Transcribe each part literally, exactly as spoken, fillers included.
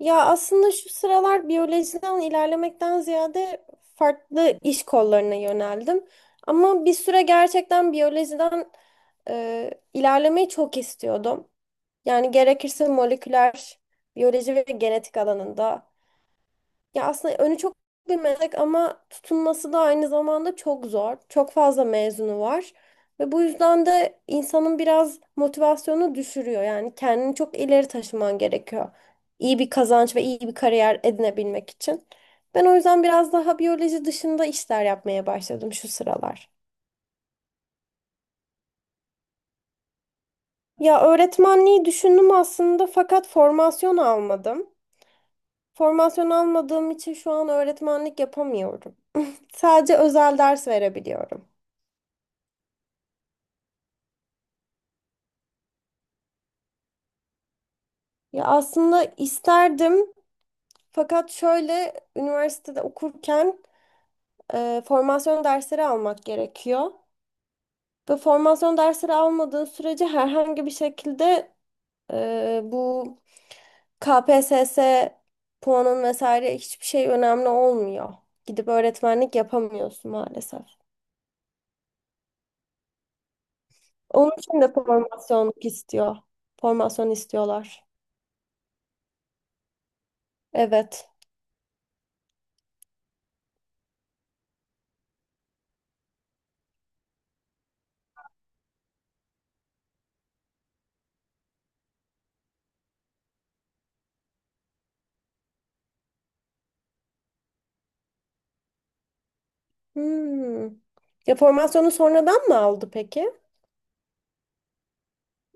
Ya aslında şu sıralar biyolojiden ilerlemekten ziyade farklı iş kollarına yöneldim. Ama bir süre gerçekten biyolojiden e, ilerlemeyi çok istiyordum. Yani gerekirse moleküler biyoloji ve genetik alanında ya aslında önü çok bir meslek, ama tutunması da aynı zamanda çok zor. Çok fazla mezunu var. Ve bu yüzden de insanın biraz motivasyonu düşürüyor. Yani kendini çok ileri taşıman gerekiyor. İyi bir kazanç ve iyi bir kariyer edinebilmek için. Ben o yüzden biraz daha biyoloji dışında işler yapmaya başladım şu sıralar. Ya öğretmenliği düşündüm aslında, fakat formasyon almadım. Formasyon almadığım için şu an öğretmenlik yapamıyorum. Sadece özel ders verebiliyorum. Ya aslında isterdim, fakat şöyle üniversitede okurken e, formasyon dersleri almak gerekiyor. Ve formasyon dersleri almadığın sürece herhangi bir şekilde e, bu K P S S puanın vesaire hiçbir şey önemli olmuyor. Gidip öğretmenlik yapamıyorsun maalesef. Onun için de formasyonluk istiyor. Formasyon istiyorlar. Evet. Hmm. Ya formasyonu sonradan mı aldı peki?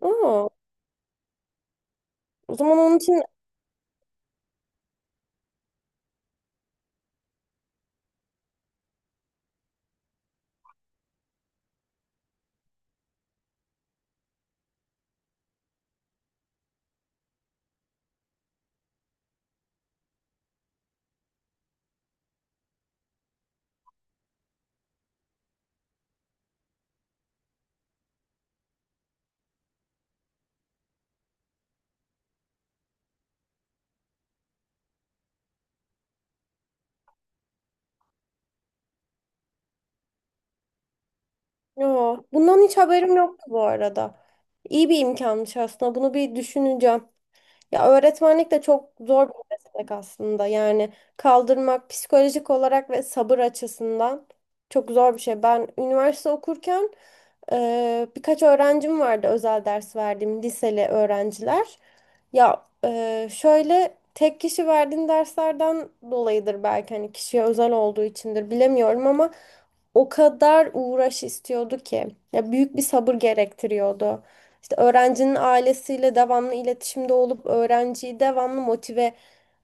Oo. O zaman onun için... Yo, bundan hiç haberim yoktu bu arada. İyi bir imkanmış aslında. Bunu bir düşüneceğim. Ya öğretmenlik de çok zor bir meslek aslında. Yani kaldırmak psikolojik olarak ve sabır açısından çok zor bir şey. Ben üniversite okurken e, birkaç öğrencim vardı, özel ders verdiğim liseli öğrenciler. Ya e, şöyle tek kişi verdiğin derslerden dolayıdır belki, hani kişiye özel olduğu içindir bilemiyorum ama o kadar uğraş istiyordu ki ya, büyük bir sabır gerektiriyordu. İşte öğrencinin ailesiyle devamlı iletişimde olup öğrenciyi devamlı motive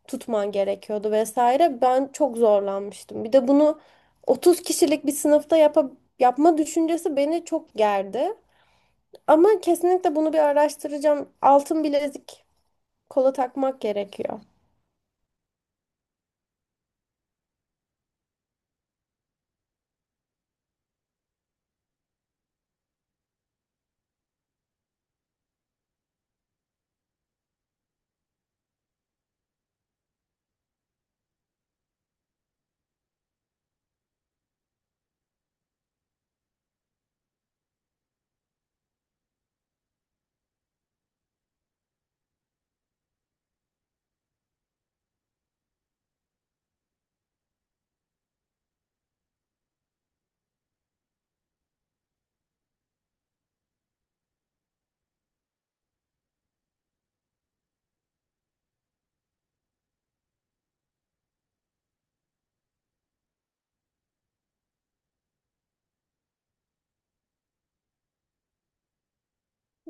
tutman gerekiyordu vesaire. Ben çok zorlanmıştım. Bir de bunu otuz kişilik bir sınıfta yapa- yapma düşüncesi beni çok gerdi. Ama kesinlikle bunu bir araştıracağım. Altın bilezik kola takmak gerekiyor.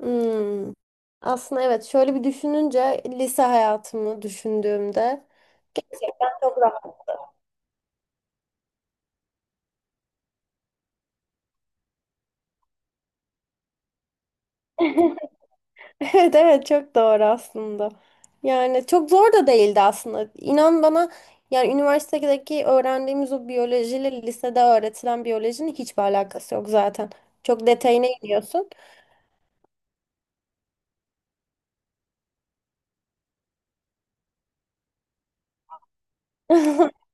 Hmm. Aslında evet, şöyle bir düşününce lise hayatımı düşündüğümde gerçekten çok rahat. Evet evet, çok doğru aslında. Yani çok zor da değildi aslında. İnan bana, yani üniversitedeki öğrendiğimiz o biyolojiyle lisede öğretilen biyolojinin hiçbir alakası yok zaten. Çok detayına iniyorsun.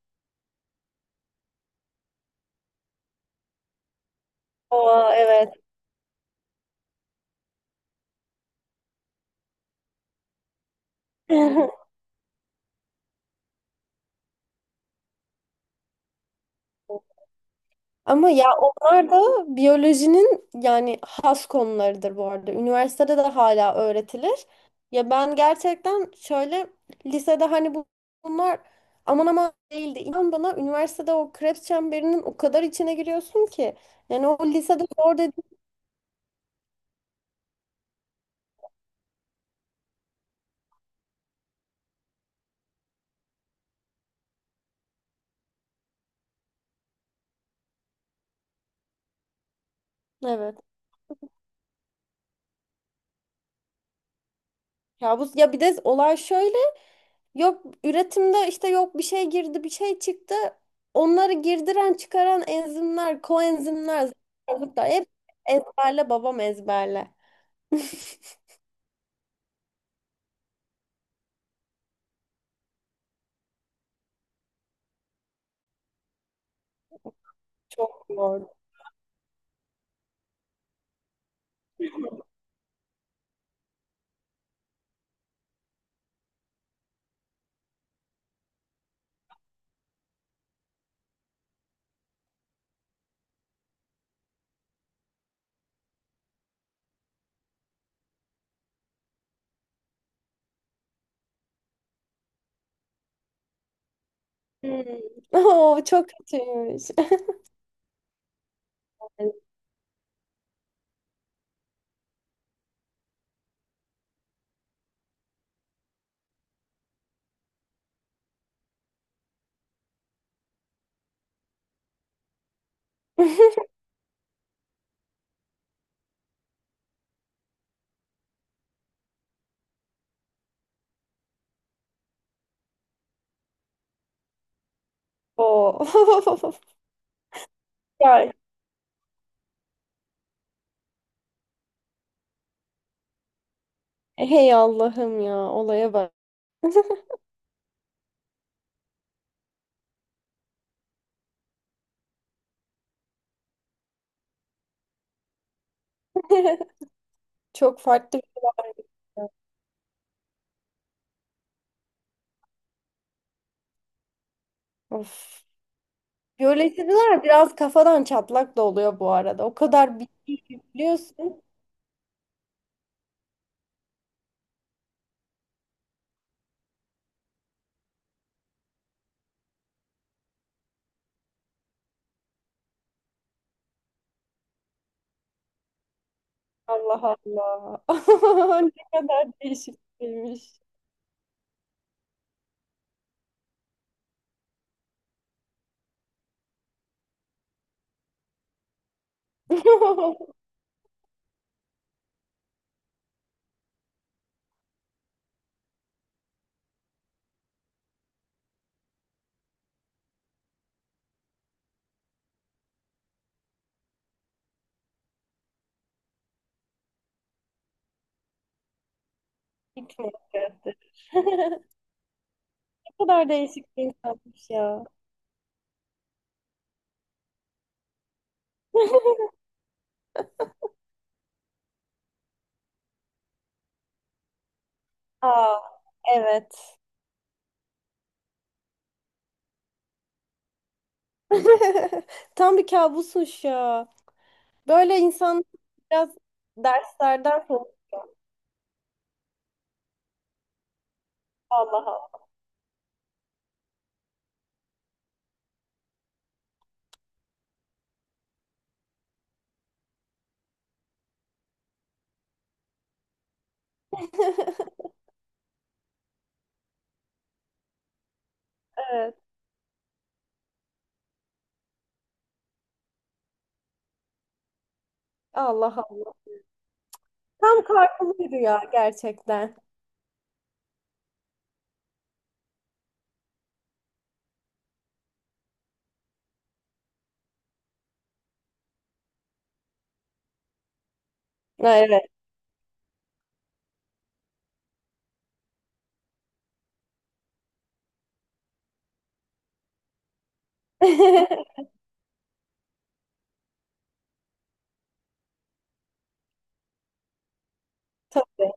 Oo evet. Ama ya onlar da biyolojinin yani has konularıdır bu arada. Üniversitede de hala öğretilir. Ya ben gerçekten şöyle lisede hani bu- bunlar aman aman değildi. İnan bana, üniversitede o Krebs çemberinin o kadar içine giriyorsun ki. Yani o lisede zor dediğin evet. Ya bu ya bir de olay şöyle, yok üretimde işte, yok bir şey girdi bir şey çıktı. Onları girdiren çıkaran enzimler, koenzimler, zıplar, hep ezberle babam ezberle. Çok zor. Hmm. Oo, çok kötüymüş. Oo. Ya, hey Allah'ım ya, olaya bak. Çok farklı bir olay. Of. Biyolojiler biraz kafadan çatlak da oluyor bu arada. O kadar bilgi yüklüyorsun. Allah Allah. Ne kadar değişikmiş. Hikmet gösterir. Ne kadar değişik bir insanmış ya. Aa, evet. Tam bir kabusmuş ya. Böyle insan biraz derslerden sonra Allah Allah. Evet. Allah Allah. Tam karpuzlu bir rüya gerçekten. Ha, evet. Tabii.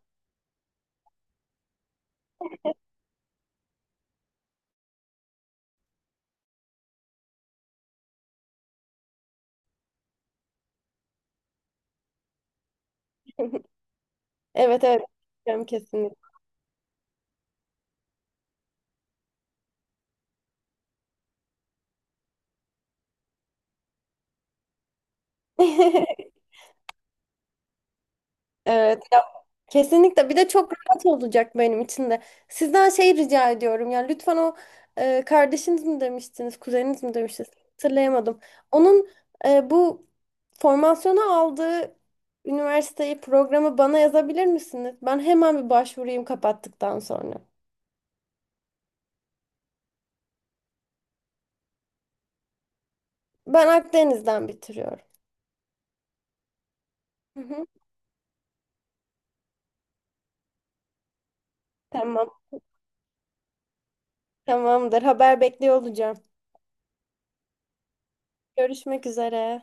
Evet evet. Kesinlikle. Evet, ya kesinlikle. Bir de çok rahat olacak benim için de. Sizden şey rica ediyorum ya, lütfen o e, kardeşiniz mi demiştiniz, kuzeniniz mi demiştiniz? Hatırlayamadım. Onun e, bu formasyonu aldığı üniversiteyi, programı bana yazabilir misiniz? Ben hemen bir başvurayım kapattıktan sonra. Ben Akdeniz'den bitiriyorum. Hı hı. Tamam, tamamdır. Haber bekliyor olacağım. Görüşmek üzere.